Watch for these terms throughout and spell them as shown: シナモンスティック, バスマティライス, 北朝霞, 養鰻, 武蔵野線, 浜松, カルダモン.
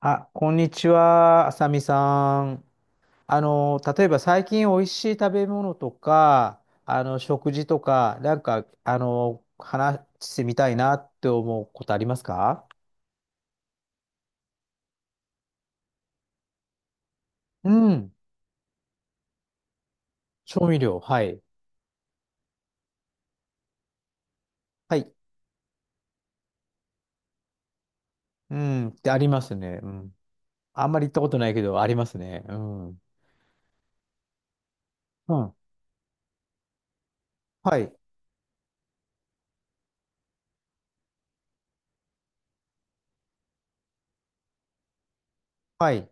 あ、こんにちは、あさみさん。例えば最近おいしい食べ物とか、食事とか、話してみたいなって思うことありますか？うん。調味料、はい。はい。うん、ってありますね。うん。あんまり行ったことないけど、ありますね。うん。うん。はい。はい。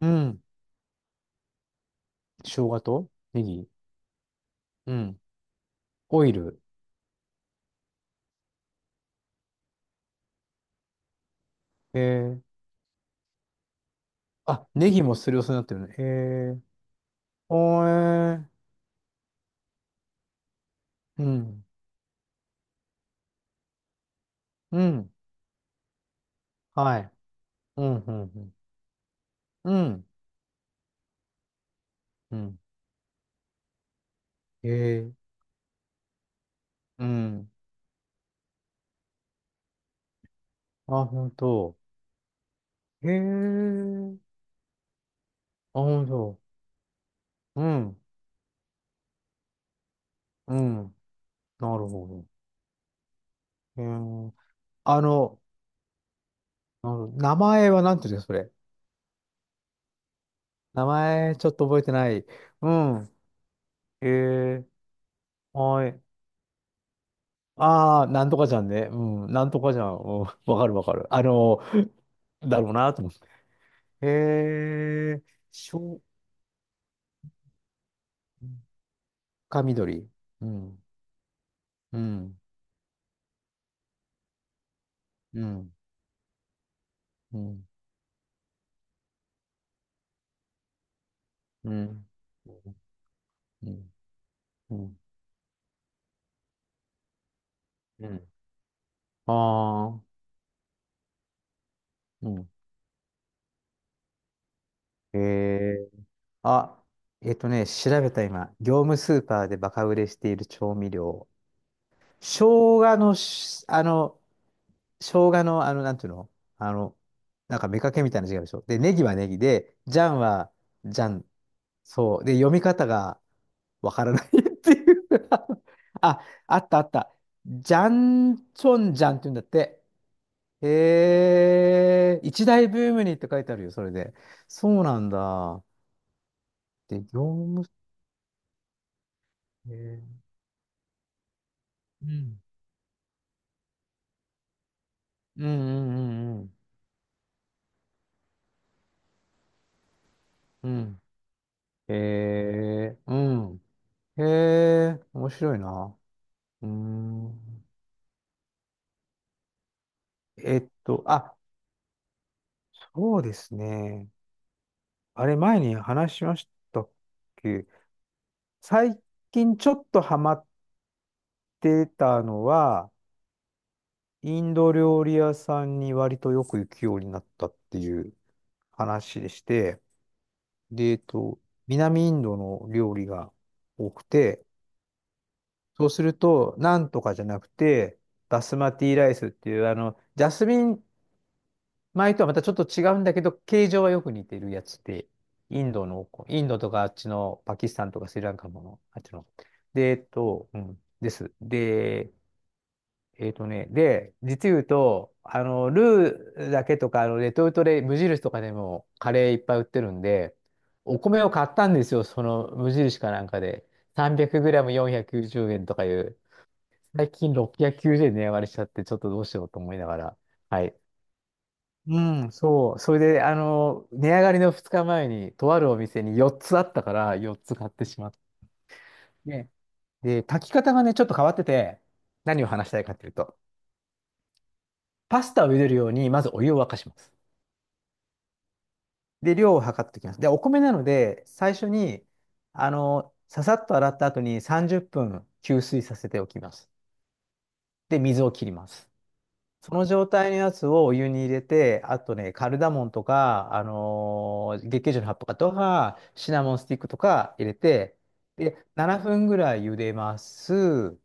うん。生姜とネギ。うん。オイル。えー。あ、ネギもすりおろしになってるね。えー。おーえー。うん。うん。はい。うん、うん、うん。うん。うん。へえ。うん。あ、本当。へえ。あ、本当。うん。うん。なるほど。へえ。あの、あの名前はなんていうんですか、それ？名前、ちょっと覚えてない。うん。へえ。はい。ああ、なんとかじゃんね。うん。なんとかじゃん。うん。わかるわかる。だろうなと思って。へえ。しょう、か緑。うん。うん。うん。うん、うん、うん、うん。うん。うん。ああ、うん。ええ。あ、調べた今、業務スーパーでバカ売れしている調味料。生姜のし、あの、生姜の、なんていうの。あの、めかけみたいな字があるでしょ。で、ネギはネギで、ジャンはジャン。そう。で、読み方がわからない っていう。あ、あったあった。ジャンチョンジャンって言うんだって。へえ、一大ブームにって書いてあるよ、それで。そうなんだ。で、業務、へえ、うん。うんうんうんうん。うん。へえ、うん。へえ、面白いな。うーん。あ、そうですね。あれ、前に話しましたっけ？最近ちょっとハマってたのは、インド料理屋さんに割とよく行くようになったっていう話でして、で、南インドの料理が多くて、そうすると、なんとかじゃなくて、バスマティライスっていう、ジャスミン米とはまたちょっと違うんだけど、形状はよく似てるやつで、インドの、インドとかあっちのパキスタンとかスリランカもの、あっちの。で、うん、です。で、で、実言うと、ルーだけとか、レトルトで無印とかでもカレーいっぱい売ってるんで、お米を買ったんですよ、その無印かなんかで。300g 490 円とかいう、最近690円値上がりしちゃって、ちょっとどうしようと思いながら。はい。うん、そう。それで、値上がりの2日前に、とあるお店に4つあったから、4つ買ってしまって。で、炊き方がね、ちょっと変わってて、何を話したいかというと、パスタを茹でるように、まずお湯を沸かします。で、量を測っておきます。で、お米なので、最初に、ささっと洗った後に30分吸水させておきます。で、水を切ります。その状態のやつをお湯に入れて、あとね、カルダモンとか、月桂樹の葉っぱとか、シナモンスティックとか入れて、で、7分ぐらい茹でます。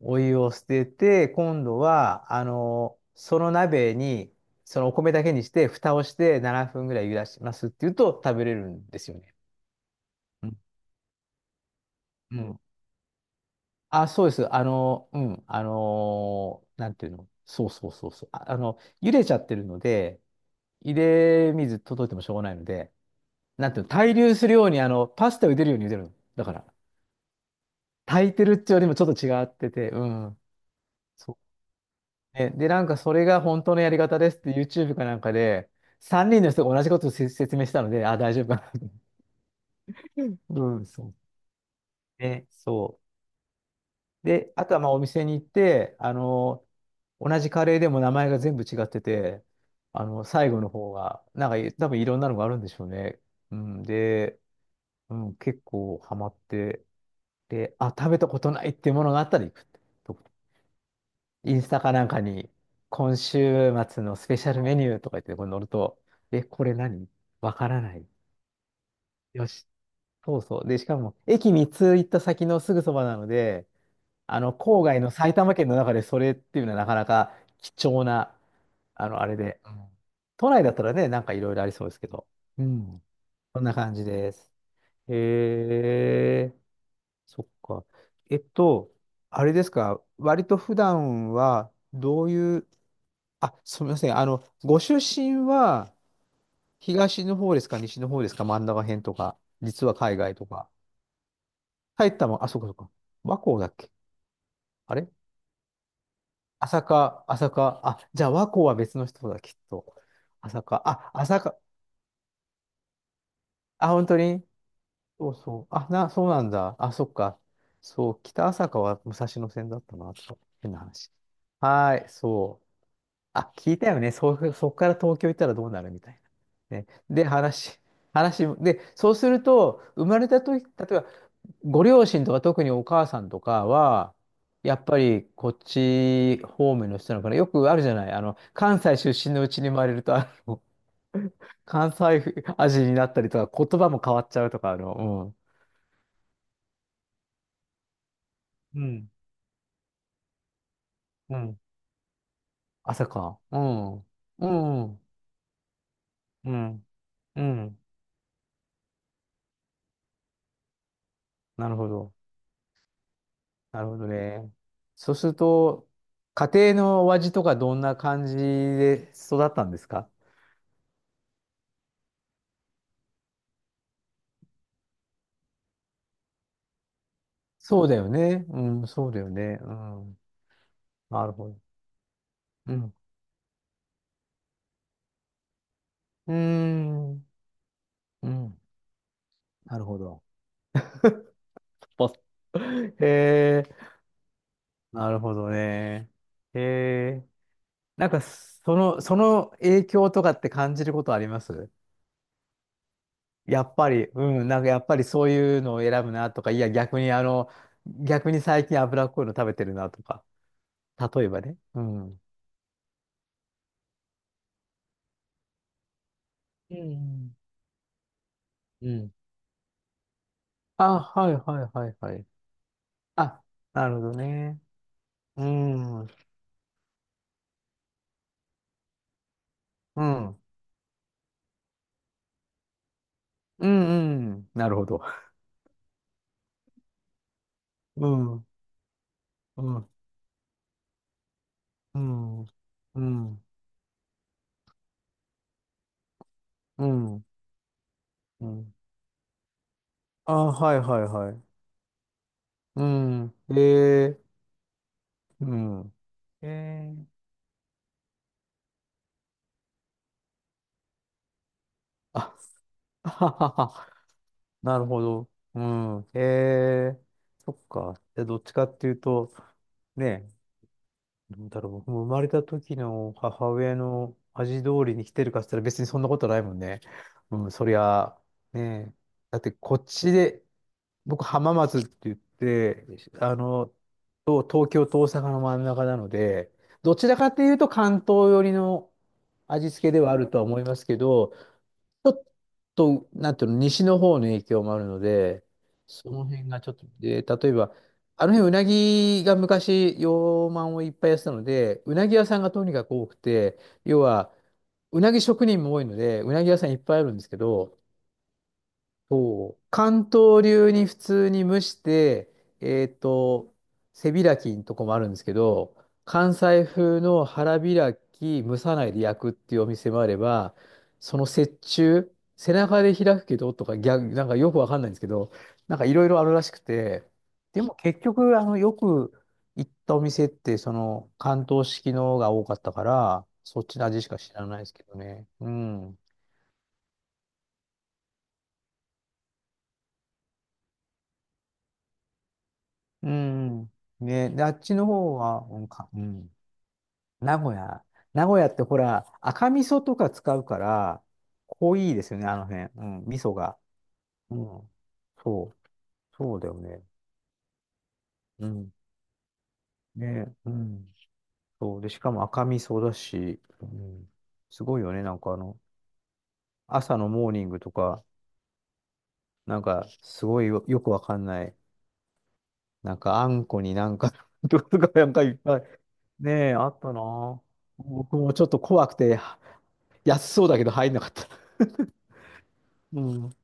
お湯を捨てて、今度は、その鍋に、そのお米だけにして、蓋をして7分ぐらい茹でしますっていうと食べれるんですよね。うん。うん。あ、そうです。うん。なんていうの。そうそうそうそう。あ、茹でちゃってるので、茹で水届いてもしょうがないので、なんていうの、対流するように、パスタを茹でるように茹でるの。だから、炊いてるっていうよりもちょっと違ってて、うん。ね、で、なんかそれが本当のやり方ですって YouTube かなんかで、三人の人が同じことを説明したので、あ、大丈夫かなと。うん、そう。ね、そう。で、あとはまあお店に行って、同じカレーでも名前が全部違ってて、最後の方が、なんか、多分いろんなのがあるんでしょうね。うん、で、うん、結構ハマって、で、あ、食べたことないっていうものがあったら行くって。インスタかなんかに、今週末のスペシャルメニューとか言って、これ載ると、え、これ何、わからない。よし、そうそう。で、しかも、駅3つ行った先のすぐそばなので、郊外の埼玉県の中でそれっていうのはなかなか貴重な、あれで。うん。都内だったらね、なんかいろいろありそうですけど。うん。こんな感じです。へえ、そっか。えっと、あれですか、割と普段はどういうあ、すみません。ご出身は東の方ですか、西の方ですか、真ん中辺とか、実は海外とか。埼玉、あ、そうかそうか。和光だっけ。あれ、朝霞、朝霞。あ、じゃあ和光は別の人だ、きっと。朝霞。あ、朝霞。あ、本当に、そうそう。あ、そうなんだ。あ、そっか。そう、北朝霞は武蔵野線だったな、と。変な話。はい、そう。あ、聞いたよね。そう、そこから東京行ったらどうなるみたいな。ね。で、話、も、で、そうすると、生まれた時、例えば、ご両親とか特にお母さんとかは、やっぱりこっち方面の人なのかな。よくあるじゃない。関西出身のうちに生まれると、関西味になったりとか、言葉も変わっちゃうとか、うん。うん。うん。朝か。うん。うん。うん。うん。なるほど。なるほどね。そうすると、家庭のお味とかどんな感じで育ったんですか？そうだよね。うん、そうだよね。うん。なるほど。うん。うーん。うん。なるほど。ポッ、へえ、なるほどね。へえ、その影響とかって感じることあります？やっぱり、うん、なんかやっぱりそういうのを選ぶなとか、いや、逆に逆に最近脂っこいの食べてるなとか。例えばね。うん。うん。うん。あ、はいはいはいはい。あ、なるほどね。うん。うん。うんうん。なるほど。うん。うん。うん。うん。うん。うん。あ、はいはいはい。うん。ええ。うん。ええ。あ、あははは。なるほど。うん。ええ。そっか。で、どっちかっていうと、ね、どうだろう。僕も生まれた時の母親の味通りに来てるかって言ったら別にそんなことないもんね。うん、そりゃ、ねえ。だってこっちで、僕浜松って言って、あの、と東京と大阪の真ん中なので、どちらかというと関東寄りの味付けではあるとは思いますけど、ちょっと、なんていうの、西の方の影響もあるので、その辺がちょっと、で、例えば、あの辺、うなぎが昔、養鰻をいっぱいやってたので、うなぎ屋さんがとにかく多くて、要は、うなぎ職人も多いので、うなぎ屋さんいっぱいあるんですけど、そう。関東流に普通に蒸して、えっと、背開きのとこもあるんですけど、関西風の腹開き、蒸さないで焼くっていうお店もあれば、その折衷、背中で開くけどとか、逆、なんかよくわかんないんですけど、なんかいろいろあるらしくて、でも結局、よく行ったお店って、関東式のが多かったから、そっちの味しか知らないですけどね。うん。うん。ね、で、あっちの方は、うん、か、うん。名古屋。名古屋ってほら、赤味噌とか使うから、濃いですよね、あの辺。うん、味噌が。うん。そう。そうだよね。うん。ね、うん。そう。で、しかも赤味噌だし、うん。すごいよね、朝のモーニングとか、なんか、すごいよ、よくわかんない。なんか、あんこになんか とか、なんかいっぱい。ねえ、あったな。僕もちょっと怖くて、安そうだけど入んなかった。うん。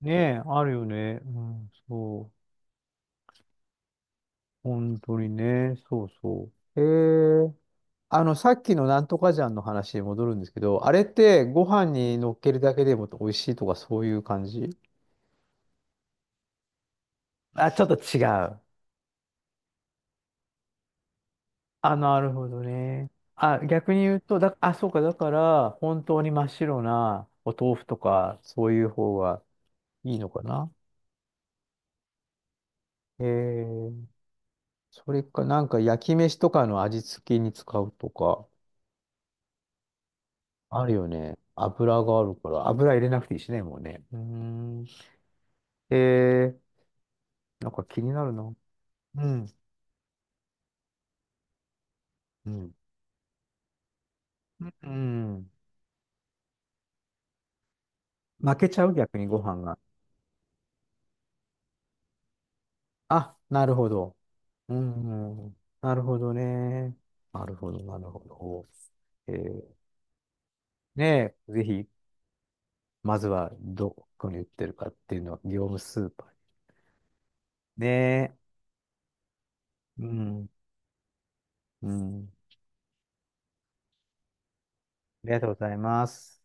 ねえ、あるよね。うん、そう。本当にね。そうそう。さっきのなんとかじゃんの話に戻るんですけど、あれってご飯に乗っけるだけでも美味しいとかそういう感じ？あ、ちょっと違う。あ、なるほどね。あ、逆に言うと、あ、そうか、だから、本当に真っ白なお豆腐とか、そういう方がいいのかな。ええ。それか、なんか焼き飯とかの味付けに使うとか。あるよね。油があるから、油入れなくていいしね、もうね。うーん。えー、なんか気になるな。うん。うん。うん。負けちゃう、逆にご飯が。あ、なるほど。うん。うん。なるほどね。なるほど、なるほど。えー、ねえ、ぜひ、まずはどこに売ってるかっていうのは、業務スーパーに。ねえ。うん。うん。ありがとうございます。